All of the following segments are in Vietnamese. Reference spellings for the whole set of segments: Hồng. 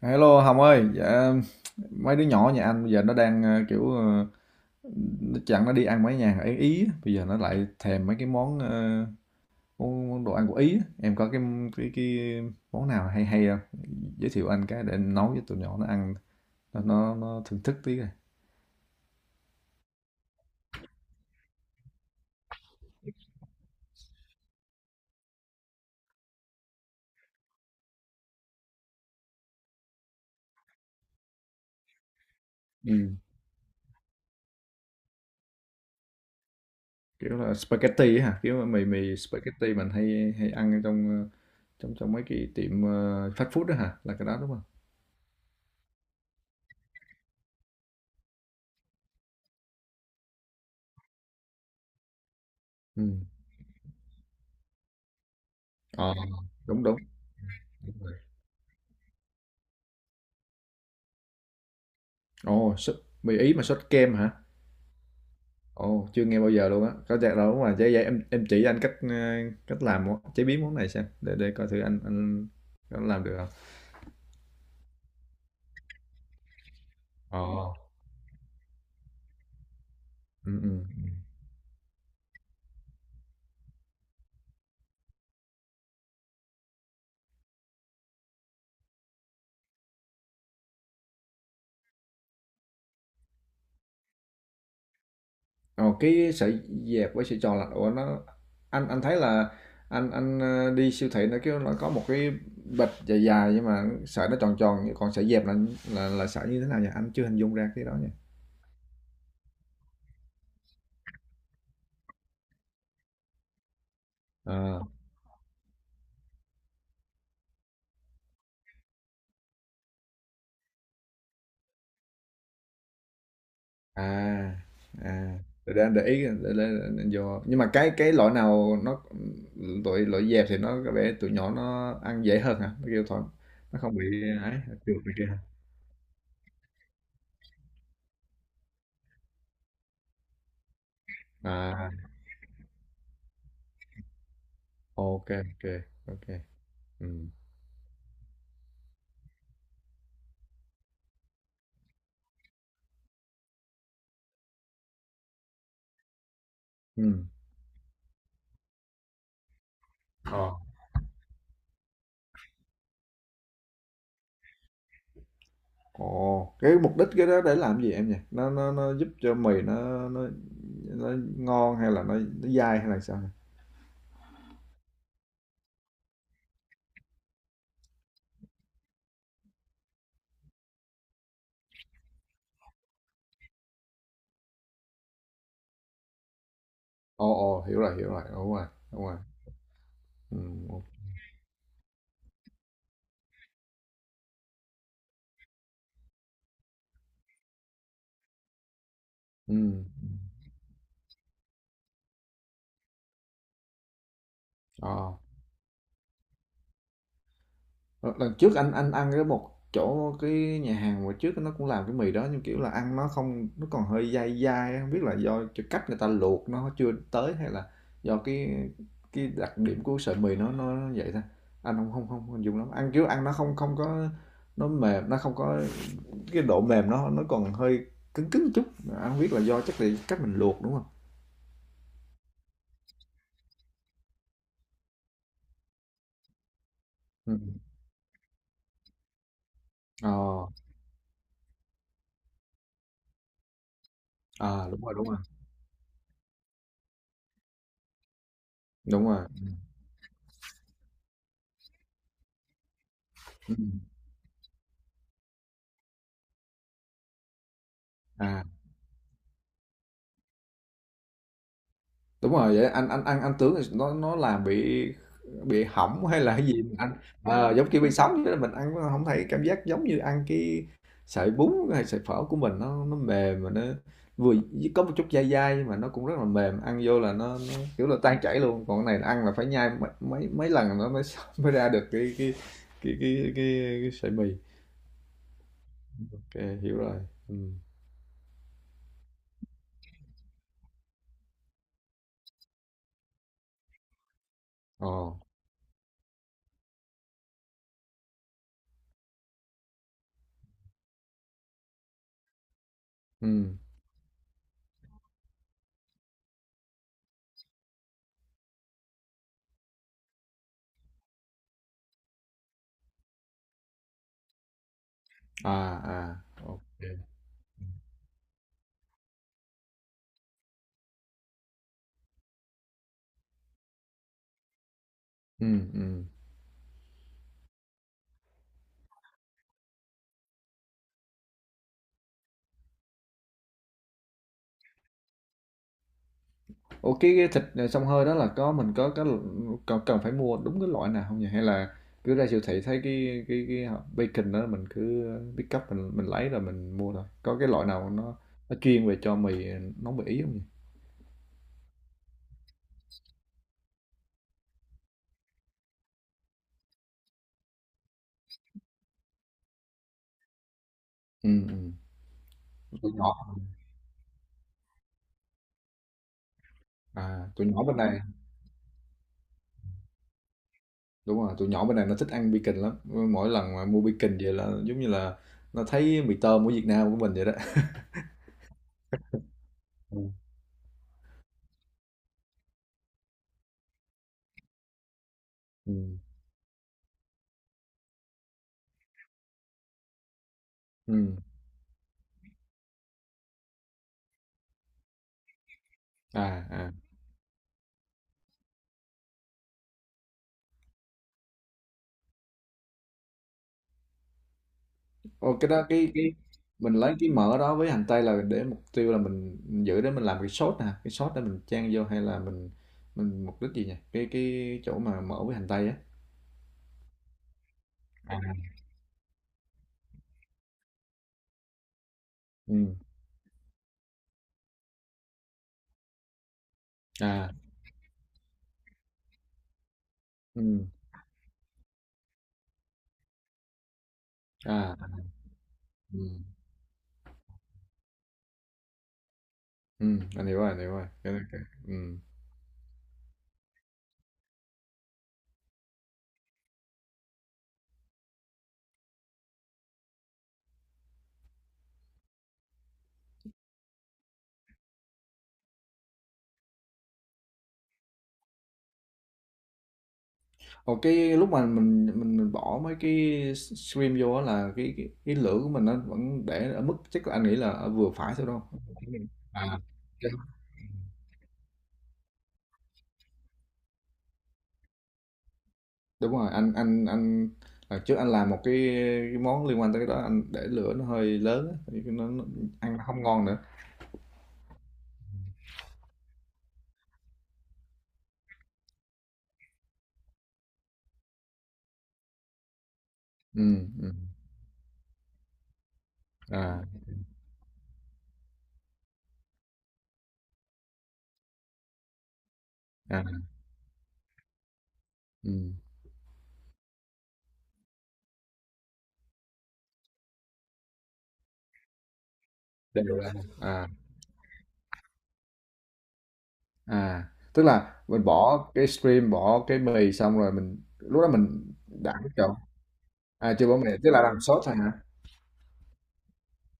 Hello Hồng ơi, dạ, mấy đứa nhỏ nhà anh bây giờ nó đang kiểu nó chẳng nó đi ăn mấy nhà ở Ý, bây giờ nó lại thèm mấy cái món món đồ ăn của Ý á. Em có cái cái món nào hay hay không? Giới thiệu anh cái để nấu cho tụi nhỏ nó ăn, nó thưởng thức tí coi. Ừ. Kiểu là spaghetti á hả? Kiểu mì mì spaghetti mình hay hay ăn ở trong trong trong mấy cái tiệm fast food đó hả? Là cái đó đúng không? Ừ. Ờ, đúng đúng. Đúng rồi. Ồ, mì Ý mà sốt kem hả? Ồ, chưa nghe bao giờ luôn á. Có chắc đâu đúng rồi. Vậy, em chỉ anh cách, cách làm món chế biến món này xem để coi thử anh có làm được không. Ồ. Ừ ừ. Ồ, cái sợi dẹp với sợi tròn là ủa nó, anh thấy là anh đi siêu thị nó kêu nó có một cái bịch dài dài nhưng mà sợi nó tròn tròn, còn sợi dẹp là sợi như thế nào nhỉ? Anh chưa hình dung ra cái đó nha. À, à, thực ra để ý để vô, nhưng mà cái loại nào nó loại loại dẹp thì nó có vẻ tụi nhỏ nó ăn dễ hơn hả? Nó kêu thôi nó không bị ấy, trượt này kia hả? À, ok ok ok. Ừ. Ừ. Ờ. Ồ, cái mục đích cái đó để làm gì em nhỉ? Nó giúp cho mì nó ngon hay là nó dai hay là sao? Ồ, ồ, hiểu rồi, hiểu rồi, đúng rồi, đúng rồi. Ừ. Ok. Ừ. Ừ. Ờ. Ờ, lần trước anh ăn cái một chỗ cái nhà hàng hồi trước nó cũng làm cái mì đó, nhưng kiểu là ăn nó không, nó còn hơi dai dai, không biết là do cái cách người ta luộc nó chưa tới, hay là do cái đặc điểm của sợi mì nó vậy thôi. Anh không dùng lắm, ăn kiểu ăn nó không không có nó mềm, nó không có cái độ mềm, nó còn hơi cứng cứng chút. Anh không biết là do, chắc là cách mình luộc đúng không. Ừ. Ờ. À, đúng rồi, đúng rồi, đúng rồi. Ừ. À. Đúng rồi, vậy anh ăn anh tướng thì nó làm bị hỏng hay là cái gì mình ăn. Ờ, giống kiểu bị sống vậy đó, mình ăn nó không thấy cảm giác giống như ăn cái sợi bún hay sợi phở của mình, nó mềm mà nó vừa có một chút dai dai nhưng mà nó cũng rất là mềm, ăn vô là nó kiểu là tan chảy luôn. Còn cái này ăn là phải nhai mấy mấy, mấy lần nó mới mới ra được cái sợi mì. Ok, hiểu rồi. Ừ. Ồ. Ừ. À. À. Ok. Ừ. Ừ. Ủa cái thịt xông hơi đó, là có mình có cần phải mua đúng cái loại nào không nhỉ? Hay là cứ ra siêu thị thấy cái bacon đó mình cứ pick up, mình lấy rồi mình mua thôi. Có cái loại nào nó chuyên về cho mì, nấu mì ý không nhỉ? Ừ, ừ. Tụi nhỏ tụi nhỏ bên này, đúng rồi, tụi nhỏ bên này nó thích ăn bacon lắm, mỗi lần mà mua bacon về là giống như là nó thấy mì tôm của Việt Nam của mình vậy đó. Ừ. Ừ. Ừ. À. À. Ồ, cái đó cái mình lấy cái mỡ đó với hành tây là để, mục tiêu là mình giữ để mình làm cái sốt nè, cái sốt để mình chan vô, hay là mình mục đích gì nhỉ cái chỗ mà mỡ với hành tây á? À. Ừ. À. Ừ. À. Ừ. Ừ, anh hiểu rồi, anh hiểu rồi, cái, ừ. Ồ, cái lúc mà mình bỏ mấy cái stream vô á, là cái lửa của mình nó vẫn để ở mức chắc là anh nghĩ là ở vừa phải thôi, đúng không? À. Đúng rồi. Anh lần trước anh làm một cái món liên quan tới cái đó, anh để lửa nó hơi lớn á, thì nó ăn nó không ngon nữa. Ừ, ừ. À. À. Ừ. Đều ra. À. À. Tức là mình bỏ cái stream, bỏ cái mì xong rồi mình lúc đó mình đảo trộn. À, chưa bỏ mì, tức là làm sốt thôi hả?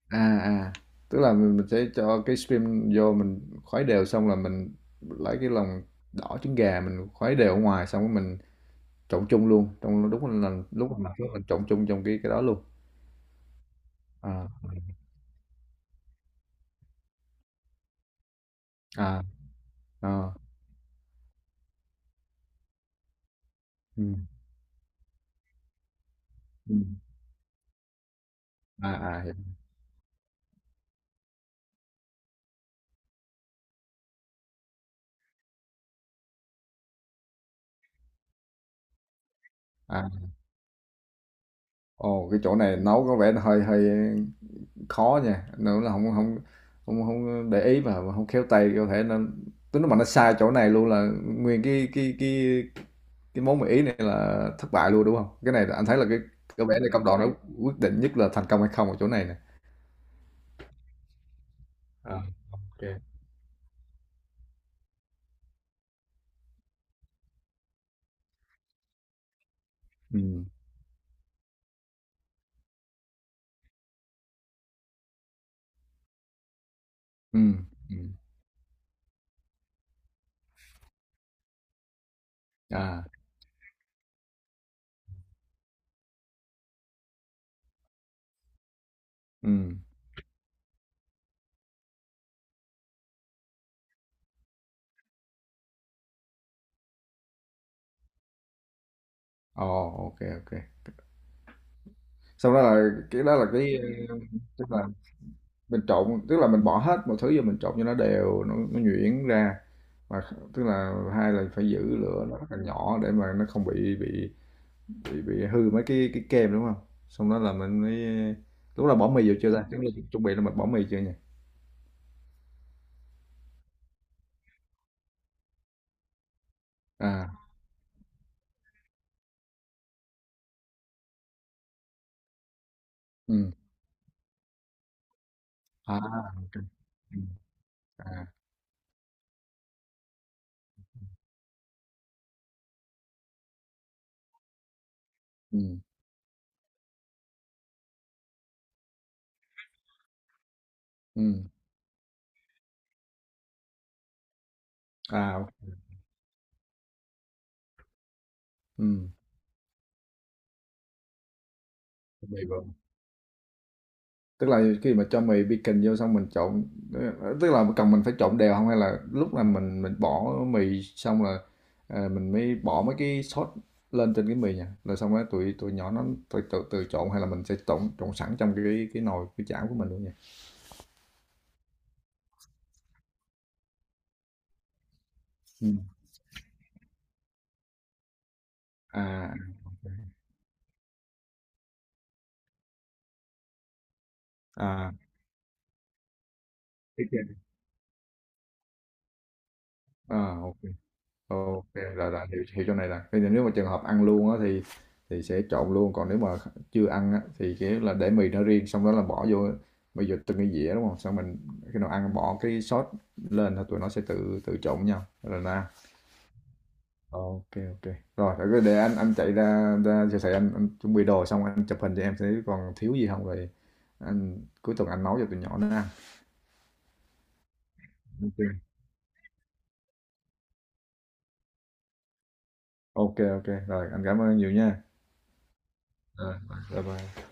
À. À. Tức là mình sẽ cho cái stream vô mình khuấy đều, xong là mình lấy cái lòng đỏ trứng gà mình khuấy đều ở ngoài, xong rồi mình trộn chung luôn, trong lúc là lần lúc mà mình làm phước mình trộn chung trong cái đó luôn. À, à, ờ, ừm, ừm, à, à, hiểu, à. Ồ, cái chỗ này nấu có vẻ là hơi hơi khó nha, nếu là không không không không để ý mà không khéo tay, có thể nên tới nó mà nó sai chỗ này luôn là nguyên cái món mì Ý này là thất bại luôn, đúng không? Cái này là anh thấy là cái có vẻ là công đoạn nó quyết định nhất là thành công hay không ở chỗ này nè. À. Ok kê. Ừm, ừm, à, ừm, ồ, ok ok, sau đó là cái đó là cái, ờ, tức là tức là mình bỏ hết mọi thứ vô mình trộn cho nó đều, nó nhuyễn ra. Và tức là hai là phải giữ lửa nó rất là nhỏ để mà nó không bị hư mấy cái kem đúng không, xong đó là mình mới lúc là bỏ mì vô chưa ta? Tức là chuẩn bị là mình bỏ mì chưa nhỉ? À. Ừ. À. Ok. Ừ. À. Ừ. Ừ. À. Ừ. Mì vô tức là khi mà cho mì baking vô xong mình trộn, tức là cần mình phải trộn đều không, hay là lúc là mình bỏ mì xong là, à, mình mới bỏ mấy cái sốt lên trên cái mì nha, rồi xong rồi tụi tụi nhỏ nó tự tự, tự trộn, hay là mình sẽ trộn trộn sẵn trong cái nồi cái chảo của mình luôn nha? Ừ. À. Ok. À. Cái kia. À. Ok. Ok, là hiểu, hiểu chỗ này là bây giờ nếu mà trường hợp ăn luôn á thì sẽ trộn luôn, còn nếu mà chưa ăn á thì kiểu là để mì nó riêng, xong đó là bỏ vô bây giờ từng cái dĩa đúng không, xong mình khi nào ăn bỏ cái sốt lên thì tụi nó sẽ tự tự trộn với nhau rồi ra. Ok ok, rồi để anh chạy ra ra siêu thị, anh chuẩn bị đồ xong anh chụp hình cho em thấy còn thiếu gì không, rồi anh cuối tuần anh nấu cho tụi nhỏ nó ăn. Ok ok ok, rồi anh cảm ơn nhiều nha. Rồi. Bye bye.